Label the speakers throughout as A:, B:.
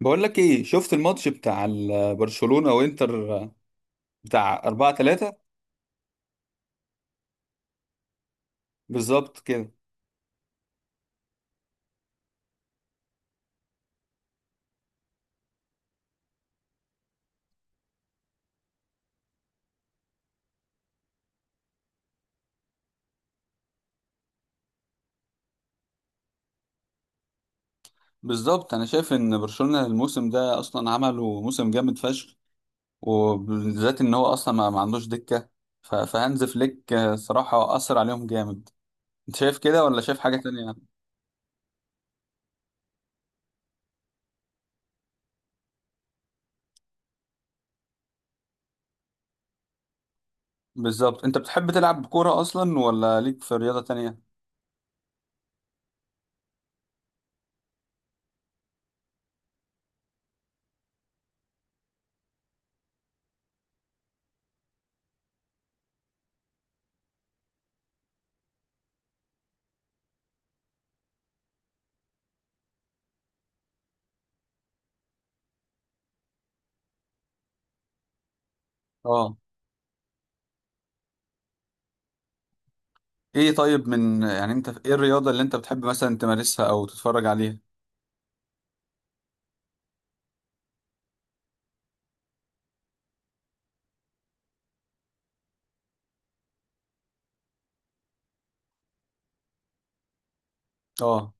A: بقول لك ايه، شفت الماتش بتاع برشلونة وانتر بتاع 4-3؟ بالظبط كده. بالظبط، انا شايف ان برشلونة الموسم ده اصلا عملوا موسم جامد فشخ، وبالذات ان هو اصلا ما عندوش دكة. ف- فهانز فليك صراحة اثر عليهم جامد. انت شايف كده ولا شايف حاجة تانية؟ بالظبط. انت بتحب تلعب كورة اصلا ولا ليك في رياضة تانية؟ اه. ايه طيب، من انت ايه الرياضة اللي انت بتحب مثلا تمارسها او تتفرج عليها؟ اه.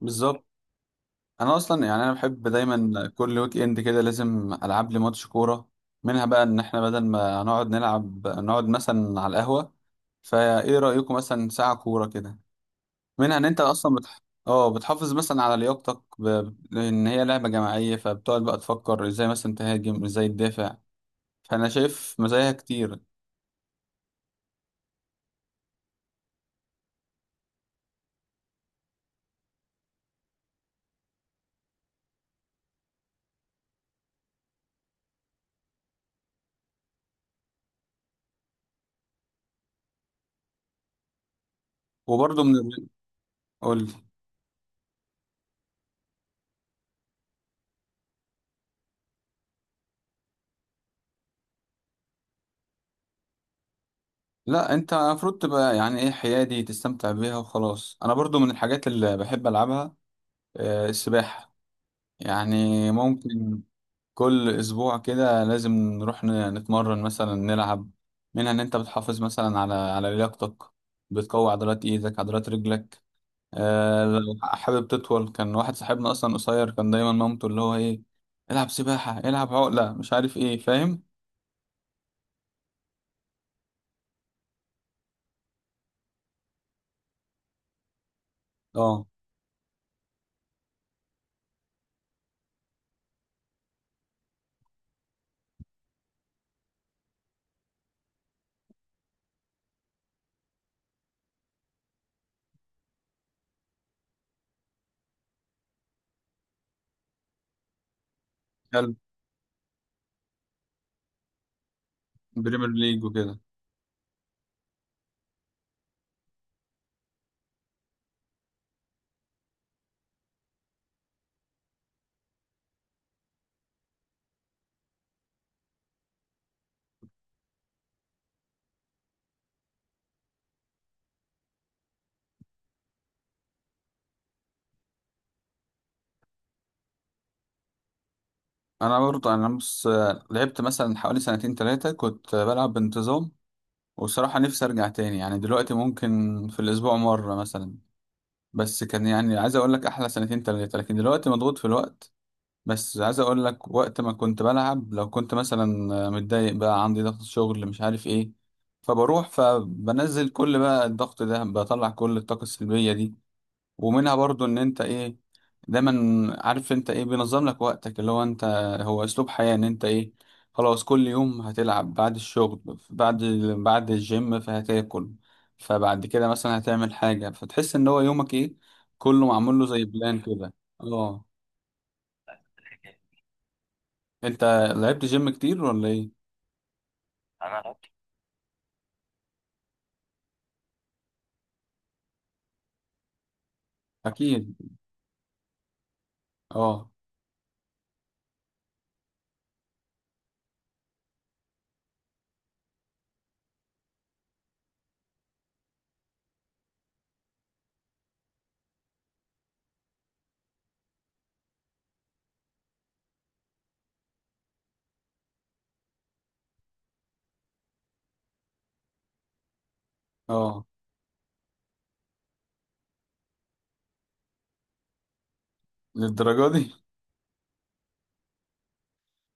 A: بالظبط. انا اصلا يعني انا بحب دايما كل ويك اند كده لازم العب لي ماتش كوره، منها بقى ان احنا بدل ما نقعد نلعب نقعد مثلا على القهوه، فايه رايكم مثلا ساعه كوره كده، منها ان انت اصلا اه، بتحافظ مثلا على لياقتك، لان هي لعبه جماعيه، فبتقعد بقى تفكر ازاي مثلا تهاجم ازاي تدافع، فانا شايف مزاياها كتير. وبرضه من، قول لي. لا انت المفروض تبقى يعني ايه حيادي، تستمتع بيها وخلاص. انا برضو من الحاجات اللي بحب العبها السباحه، يعني ممكن كل اسبوع كده لازم نروح نتمرن مثلا نلعب، منها ان انت بتحافظ مثلا على لياقتك، بتقوي عضلات ايدك عضلات رجلك. آه لو حابب تطول، كان واحد صاحبنا اصلا قصير، كان دايما مامته اللي هو ايه، العب سباحة العب عقلة مش عارف ايه، فاهم؟ اه. حلو. بريمير ليج وكده. انا برضه، انا بص، لعبت مثلا حوالي سنتين ثلاثة كنت بلعب بانتظام، وبصراحة نفسي ارجع تاني، يعني دلوقتي ممكن في الاسبوع مرة مثلا، بس كان يعني عايز اقول لك احلى سنتين تلاتة، لكن دلوقتي مضغوط في الوقت. بس عايز اقول لك، وقت ما كنت بلعب، لو كنت مثلا متضايق بقى عندي ضغط شغل مش عارف ايه، فبنزل، كل بقى الضغط ده بطلع كل الطاقة السلبية دي، ومنها برضو ان انت ايه دايما عارف، انت ايه بينظم لك وقتك، اللي هو انت، هو اسلوب حياة، ان انت ايه، خلاص كل يوم هتلعب بعد الشغل، بعد بعد الجيم فهتاكل، فبعد كده مثلا هتعمل حاجة، فتحس ان هو يومك ايه، كله معمول له زي بلان كده. اه. انت لعبت جيم كتير ولا ايه؟ انا لعبت. اكيد. اه اه. للدرجة دي؟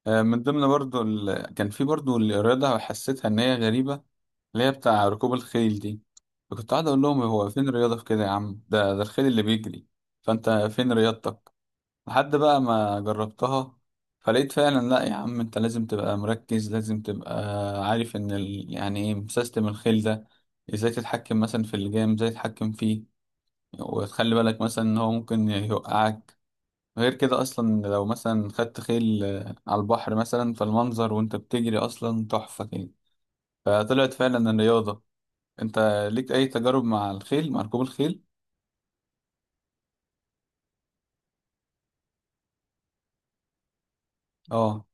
A: من ضمن برضو كان في برضو الرياضة حسيتها ان هي غريبة، اللي هي بتاع ركوب الخيل دي، فكنت قاعد اقول لهم، هو فين الرياضه في كده يا عم، ده الخيل اللي بيجري، فانت فين رياضتك؟ لحد بقى ما جربتها، فلقيت فعلا، لا يا عم انت لازم تبقى مركز، لازم تبقى عارف ان يعني ايه سيستم الخيل ده، ازاي تتحكم مثلا في اللجام، ازاي تتحكم فيه، وتخلي بالك مثلا ان هو ممكن يوقعك، غير كده اصلا لو مثلا خدت خيل على البحر مثلا، فالمنظر وانت بتجري اصلا تحفه كده، فطلعت فعلا الرياضه. انت ليك اي تجارب مع الخيل، مع ركوب الخيل؟ اه.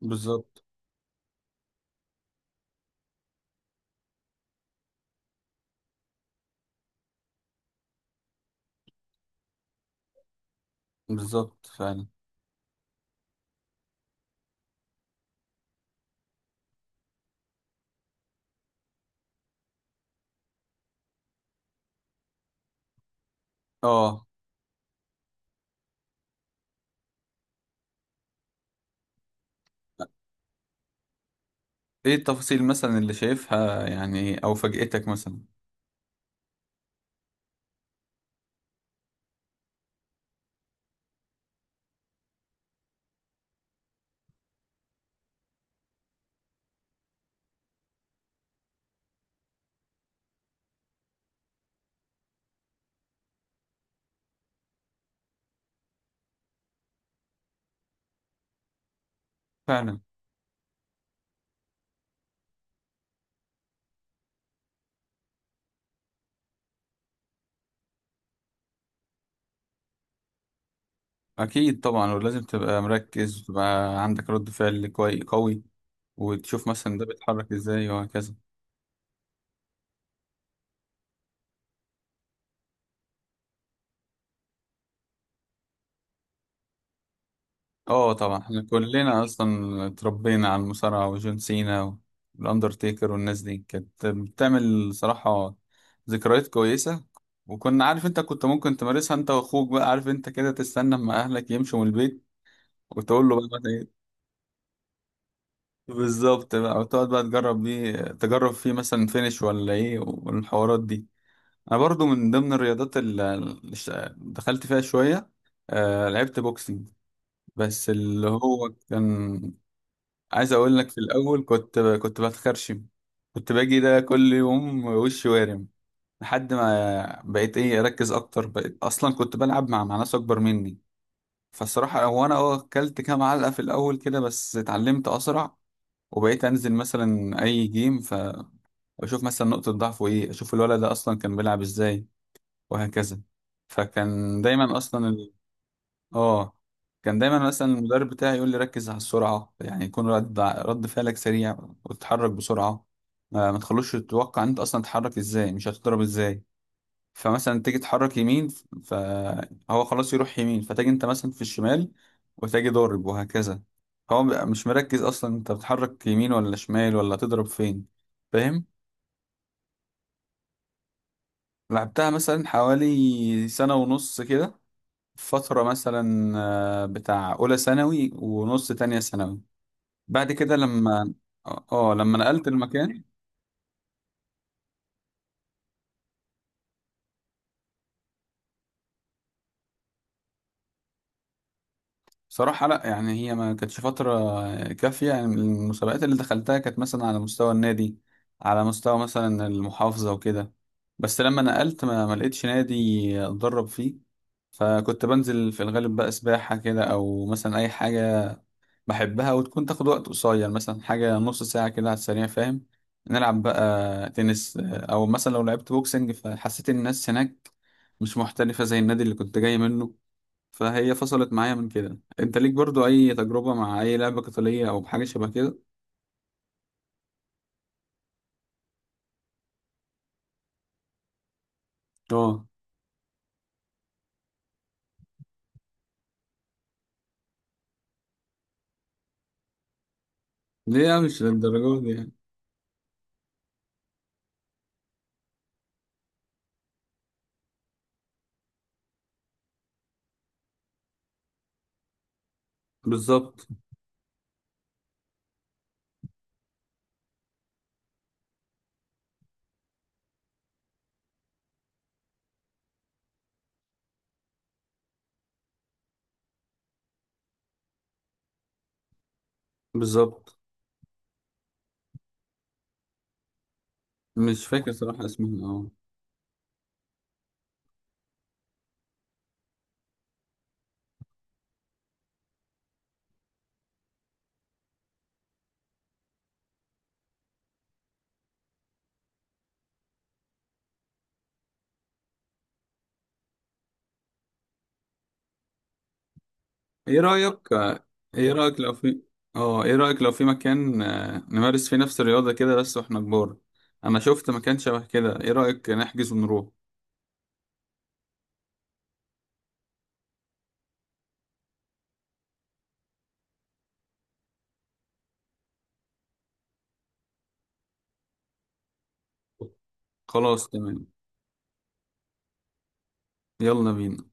A: بالظبط. بالظبط فعلا. اه. ايه التفاصيل مثلا اللي شايفها يعني، او فاجأتك مثلا؟ فعلا. اكيد طبعا، ولازم تبقى مركز وتبقى عندك رد فعل قوي، وتشوف مثلا ده بيتحرك ازاي وهكذا. اه طبعا، احنا كلنا اصلا اتربينا على المصارعة وجون سينا والاندرتيكر، والناس دي كانت بتعمل صراحة ذكريات كويسة، وكنا، عارف انت كنت ممكن تمارسها انت واخوك بقى، عارف انت كده تستنى اما اهلك يمشوا من البيت، وتقول له بقى مثلا ايه. بالظبط بقى، وتقعد بقى تجرب بيه، تجرب فيه مثلا فينش ولا ايه والحوارات دي. انا برضو من ضمن الرياضات اللي دخلت فيها شوية، آه لعبت بوكسينج، بس اللي هو كان، عايز اقول لك، في الاول كنت بتخرشم، كنت باجي ده كل يوم وشي وارم، لحد ما بقيت ايه اركز اكتر، بقيت اصلا كنت بلعب مع ناس اكبر مني، فالصراحه هو انا اه اكلت كام علقه في الاول كده، بس اتعلمت اسرع، وبقيت انزل مثلا اي جيم فاشوف مثلا نقطه ضعفه ايه، اشوف الولد ده اصلا كان بيلعب ازاي وهكذا، فكان دايما اصلا، اه كان دايما مثلا المدرب بتاعي يقول لي ركز على السرعة، يعني يكون رد فعلك سريع، وتتحرك بسرعة، ما تخلوش تتوقع انت اصلا تتحرك ازاي، مش هتضرب ازاي، فمثلا تيجي تحرك يمين، فهو خلاص يروح يمين، فتجي انت مثلا في الشمال وتجي ضارب وهكذا، هو بيبقى مش مركز اصلا انت بتحرك يمين ولا شمال ولا تضرب فين، فاهم؟ لعبتها مثلا حوالي سنة ونص كده، فترة مثلا بتاع أولى ثانوي ونص تانية ثانوي، بعد كده لما، اه لما نقلت المكان. بصراحة لا، يعني هي ما كانتش فترة كافية، يعني المسابقات اللي دخلتها كانت مثلا على مستوى النادي، على مستوى مثلا المحافظة وكده، بس لما نقلت ما لقيتش نادي اتدرب فيه، فكنت بنزل في الغالب بقى سباحة كده، او مثلا اي حاجة بحبها وتكون تاخد وقت قصير، مثلا حاجة نص ساعة كده على السريع، فاهم؟ نلعب بقى تنس، أو مثلا لو لعبت بوكسنج فحسيت إن الناس هناك مش محترفة زي النادي اللي كنت جاي منه، فهي فصلت معايا من كده. أنت ليك برضو أي تجربة مع أي لعبة قتالية أو بحاجة شبه كده؟ آه. ليه مش للدرجة دي يعني؟ بالظبط. بالظبط. مش فاكر صراحة اسمها آه. ايه رأيك؟ ايه رأيك لو في، اه ايه رأيك لو في مكان، نمارس فيه نفس الرياضة كده بس واحنا كبار، انا شفت مكان شبه كده، ايه رأيك نحجز ونروح؟ خلاص تمام. يلا بينا.